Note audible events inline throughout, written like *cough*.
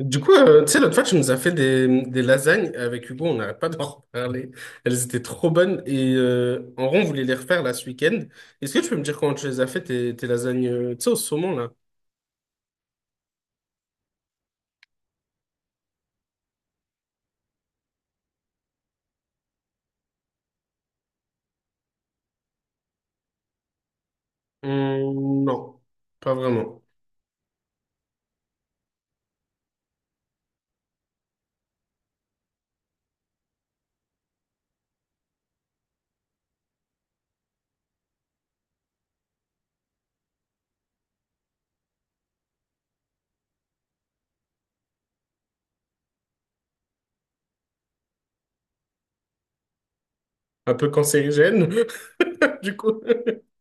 Du coup, tu sais, l'autre fois, tu nous as fait des lasagnes avec Hugo, on n'arrête pas d'en *laughs* reparler. Elles étaient trop bonnes et en rond, on voulait les refaire là ce week-end. Est-ce que tu peux me dire comment tu les as fait, tes lasagnes, tu sais, au saumon là? Non, pas vraiment. Un peu cancérigène, *laughs* du coup. *laughs*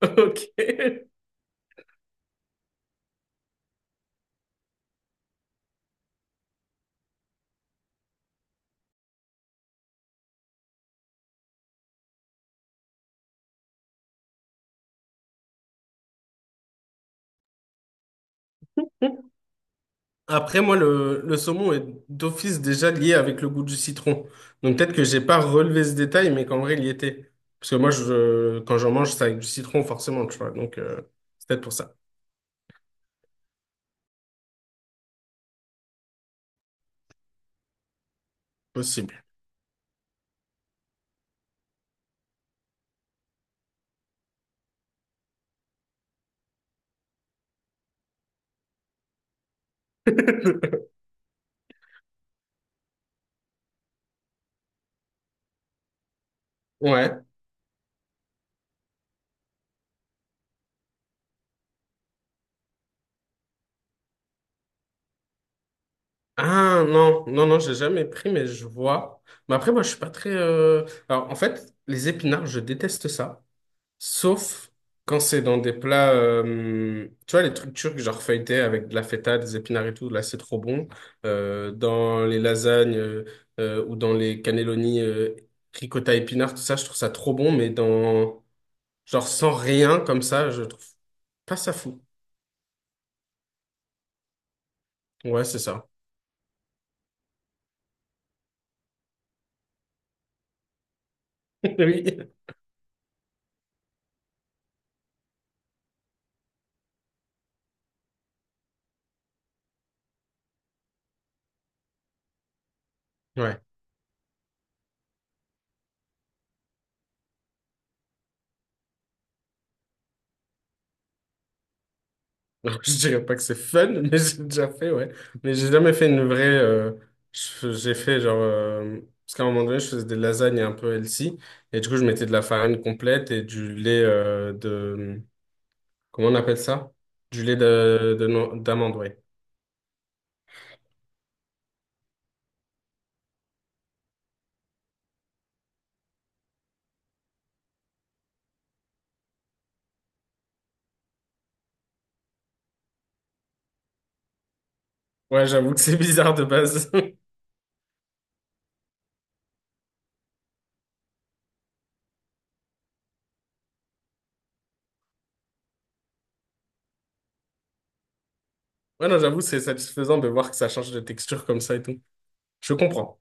Ok. Après, moi, le saumon est d'office déjà lié avec le goût du citron. Donc peut-être que j'ai pas relevé ce détail, mais qu'en vrai, il y était. Parce que moi, je, quand j'en mange, c'est avec du citron, forcément, tu vois. Donc c'est peut-être pour ça. Possible. *laughs* Ouais. Ah non, non, non, j'ai jamais pris, mais je vois. Mais après, moi, je suis pas très. Alors, en fait, les épinards, je déteste ça. Sauf quand c'est dans des plats, tu vois, les trucs turcs, genre feuilletés avec de la feta, des épinards et tout, là c'est trop bon. Dans les lasagnes, ou dans les cannelloni ricotta épinards, tout ça, je trouve ça trop bon, mais dans, genre sans rien comme ça, je trouve pas ça fou. Ouais, c'est ça. *laughs* Oui. Ouais. Alors, je dirais pas que c'est fun, *laughs* mais j'ai déjà fait, ouais. Mais j'ai jamais fait une vraie. J'ai fait genre. Parce qu'à un moment donné, je faisais des lasagnes un peu healthy. Et du coup, je mettais de la farine complète et du lait de. Comment on appelle ça? Du lait de, no- d'amande, ouais. Ouais, j'avoue que c'est *laughs* bizarre de base. *laughs* Ouais, non, j'avoue, c'est satisfaisant de voir que ça change de texture comme ça et tout. Je comprends.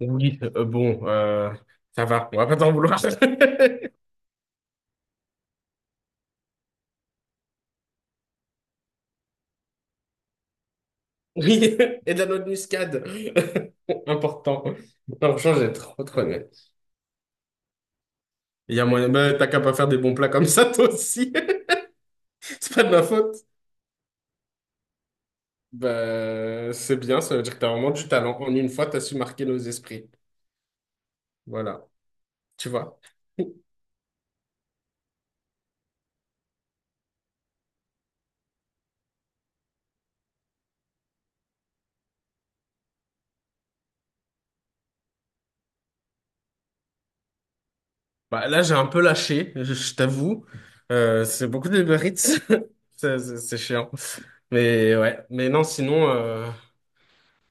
Oui, bon, ça va. On va pas t'en vouloir. *laughs* Oui, *laughs* et de la noix de muscade. *laughs* Important. Non, franchement, j'ai trop aimé. Il y a moyen, bah, t'as qu'à pas faire des bons plats comme ça, toi aussi. *laughs* C'est pas de ma faute. Bah, c'est bien, ça veut dire que t'as vraiment du talent. En une fois, t'as su marquer nos esprits. Voilà, tu vois. *laughs* Bah, là, j'ai un peu lâché, je t'avoue. C'est beaucoup de Uber Eats. *laughs* C'est chiant. Mais ouais, mais non, sinon,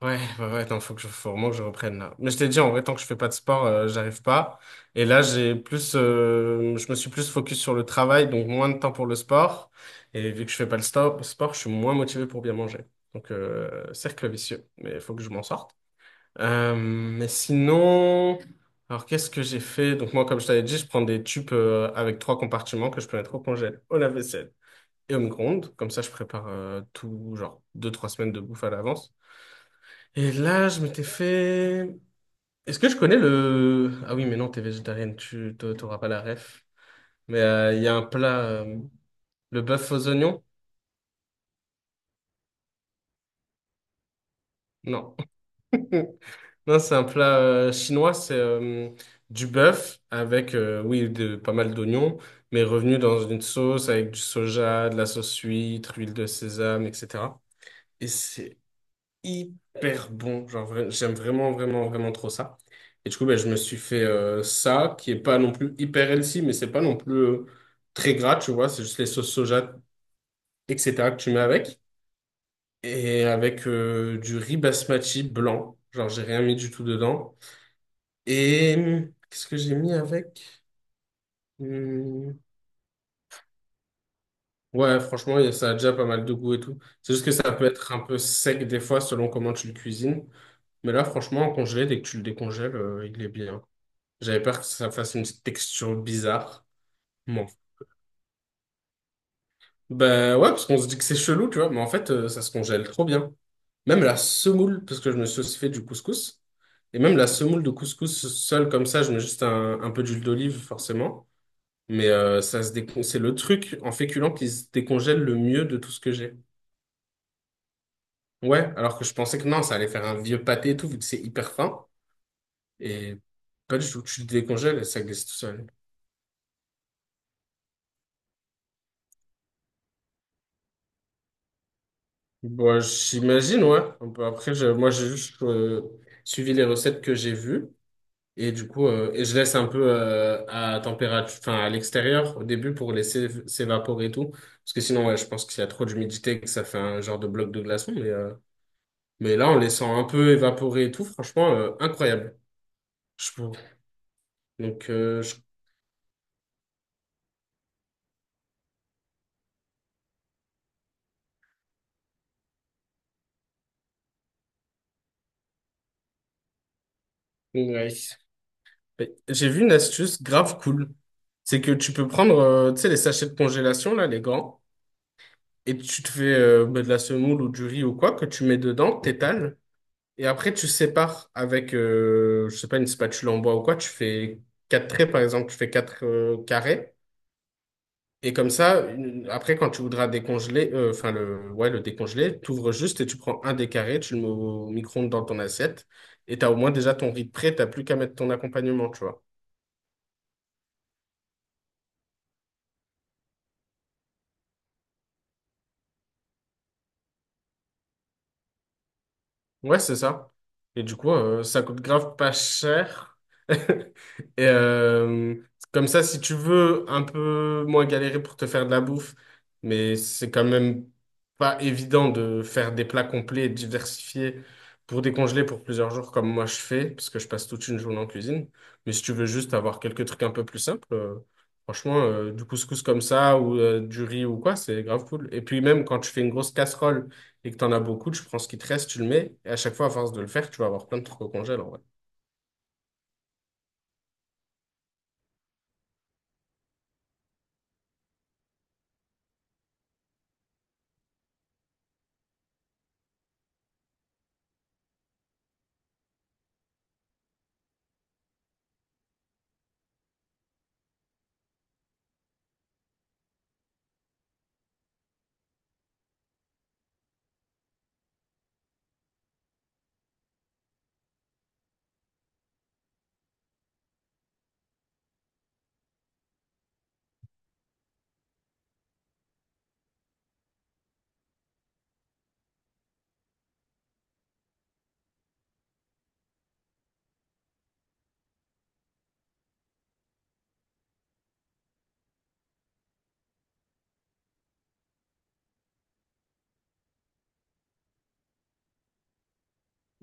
ouais, bah ouais, attends, faut faut vraiment que je reprenne là. Mais je t'ai dit, en vrai, tant que je fais pas de sport, j'arrive pas. Et là, je me suis plus focus sur le travail, donc moins de temps pour le sport. Et vu que je fais pas le sport, je suis moins motivé pour bien manger. Donc, cercle vicieux, mais il faut que je m'en sorte. Mais sinon, alors qu'est-ce que j'ai fait? Donc moi, comme je t'avais dit, je prends des tubes avec trois compartiments que je peux mettre au congèle, au lave-vaisselle et au micro-ondes. Comme ça, je prépare tout, genre deux, trois semaines de bouffe à l'avance. Et là, je m'étais fait… Est-ce que je connais le… Ah oui, mais non, t'es végétarienne, tu t'auras pas la ref. Mais il y a un plat, le bœuf aux oignons? Non. *laughs* Non, c'est un plat chinois, c'est du bœuf avec, oui, de, pas mal d'oignons, mais revenu dans une sauce avec du soja, de la sauce huître, huile de sésame, etc. Et c'est hyper bon. Genre, j'aime vraiment trop ça. Et du coup, ben, je me suis fait ça, qui est pas non plus hyper healthy, mais c'est pas non plus très gras, tu vois. C'est juste les sauces soja, etc. que tu mets avec. Et avec du riz basmati blanc. Genre, j'ai rien mis du tout dedans. Et qu'est-ce que j'ai mis avec? Hum, Ouais, franchement, ça a déjà pas mal de goût et tout. C'est juste que ça peut être un peu sec des fois selon comment tu le cuisines. Mais là, franchement, en congelé, dès que tu le décongèles, il est bien. J'avais peur que ça fasse une texture bizarre. Bon. Ben ouais, parce qu'on se dit que c'est chelou, tu vois. Mais en fait, ça se congèle trop bien. Même la semoule, parce que je me suis aussi fait du couscous. Et même la semoule de couscous seule comme ça, je mets juste un peu d'huile d'olive, forcément. Mais ça se décon… c'est le truc en féculent qui se décongèle le mieux de tout ce que j'ai. Ouais, alors que je pensais que non, ça allait faire un vieux pâté et tout, vu que c'est hyper fin. Et pas du tout, tu le décongèles et ça glisse tout seul. Bon, j'imagine, ouais. Un peu après, moi, j'ai juste suivi les recettes que j'ai vues. Et du coup, je laisse un peu à température, enfin à l'extérieur au début pour laisser s'évaporer et tout. Parce que sinon, ouais, je pense qu'il y a trop d'humidité et que ça fait un genre de bloc de glaçon. Mais là, en laissant un peu évaporer et tout, franchement, incroyable, je trouve. Donc, ouais. Mais j'ai vu une astuce grave cool. C'est que tu peux prendre, tu sais, les sachets de congélation, là, les grands, et tu te fais bah, de la semoule ou du riz ou quoi, que tu mets dedans, t'étales, et après, tu sépares avec, je sais pas, une spatule en bois ou quoi, tu fais quatre traits, par exemple, tu fais quatre carrés, et comme ça, après, quand tu voudras décongeler, ouais, le décongeler, tu ouvres juste et tu prends un des carrés, tu le mets au micro-ondes dans ton assiette, et tu as au moins déjà ton riz de prêt, t'as plus qu'à mettre ton accompagnement, tu vois. Ouais, c'est ça. Et du coup, ça coûte grave pas cher. *laughs* Et comme ça, si tu veux un peu moins galérer pour te faire de la bouffe, mais c'est quand même pas évident de faire des plats complets et diversifiés pour décongeler pour plusieurs jours comme moi je fais, parce que je passe toute une journée en cuisine. Mais si tu veux juste avoir quelques trucs un peu plus simples, franchement, du couscous comme ça ou du riz ou quoi, c'est grave cool. Et puis même quand tu fais une grosse casserole et que t'en as beaucoup, tu prends ce qui te reste, tu le mets, et à chaque fois, à force de le faire, tu vas avoir plein de trucs au congèle, en vrai.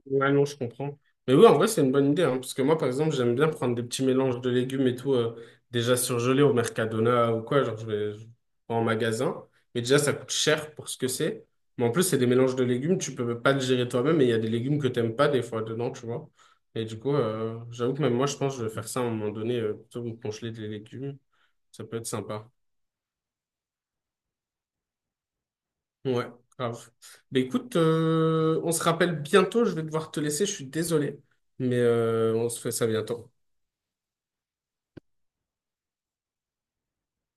Ouais, non, je comprends. Mais oui, en vrai, c'est une bonne idée, hein, parce que moi, par exemple, j'aime bien prendre des petits mélanges de légumes et tout, déjà surgelés au Mercadona ou quoi, genre je vais en magasin, mais déjà, ça coûte cher pour ce que c'est. Mais en plus, c'est des mélanges de légumes, tu peux pas le gérer toi-même, et il y a des légumes que t'aimes pas des fois dedans, tu vois. Et du coup, j'avoue que même moi, je pense que je vais faire ça à un moment donné, plutôt que de congeler des légumes, ça peut être sympa. Ouais, grave. Mais écoute, on se rappelle bientôt, je vais devoir te laisser, je suis désolé, mais on se fait ça bientôt.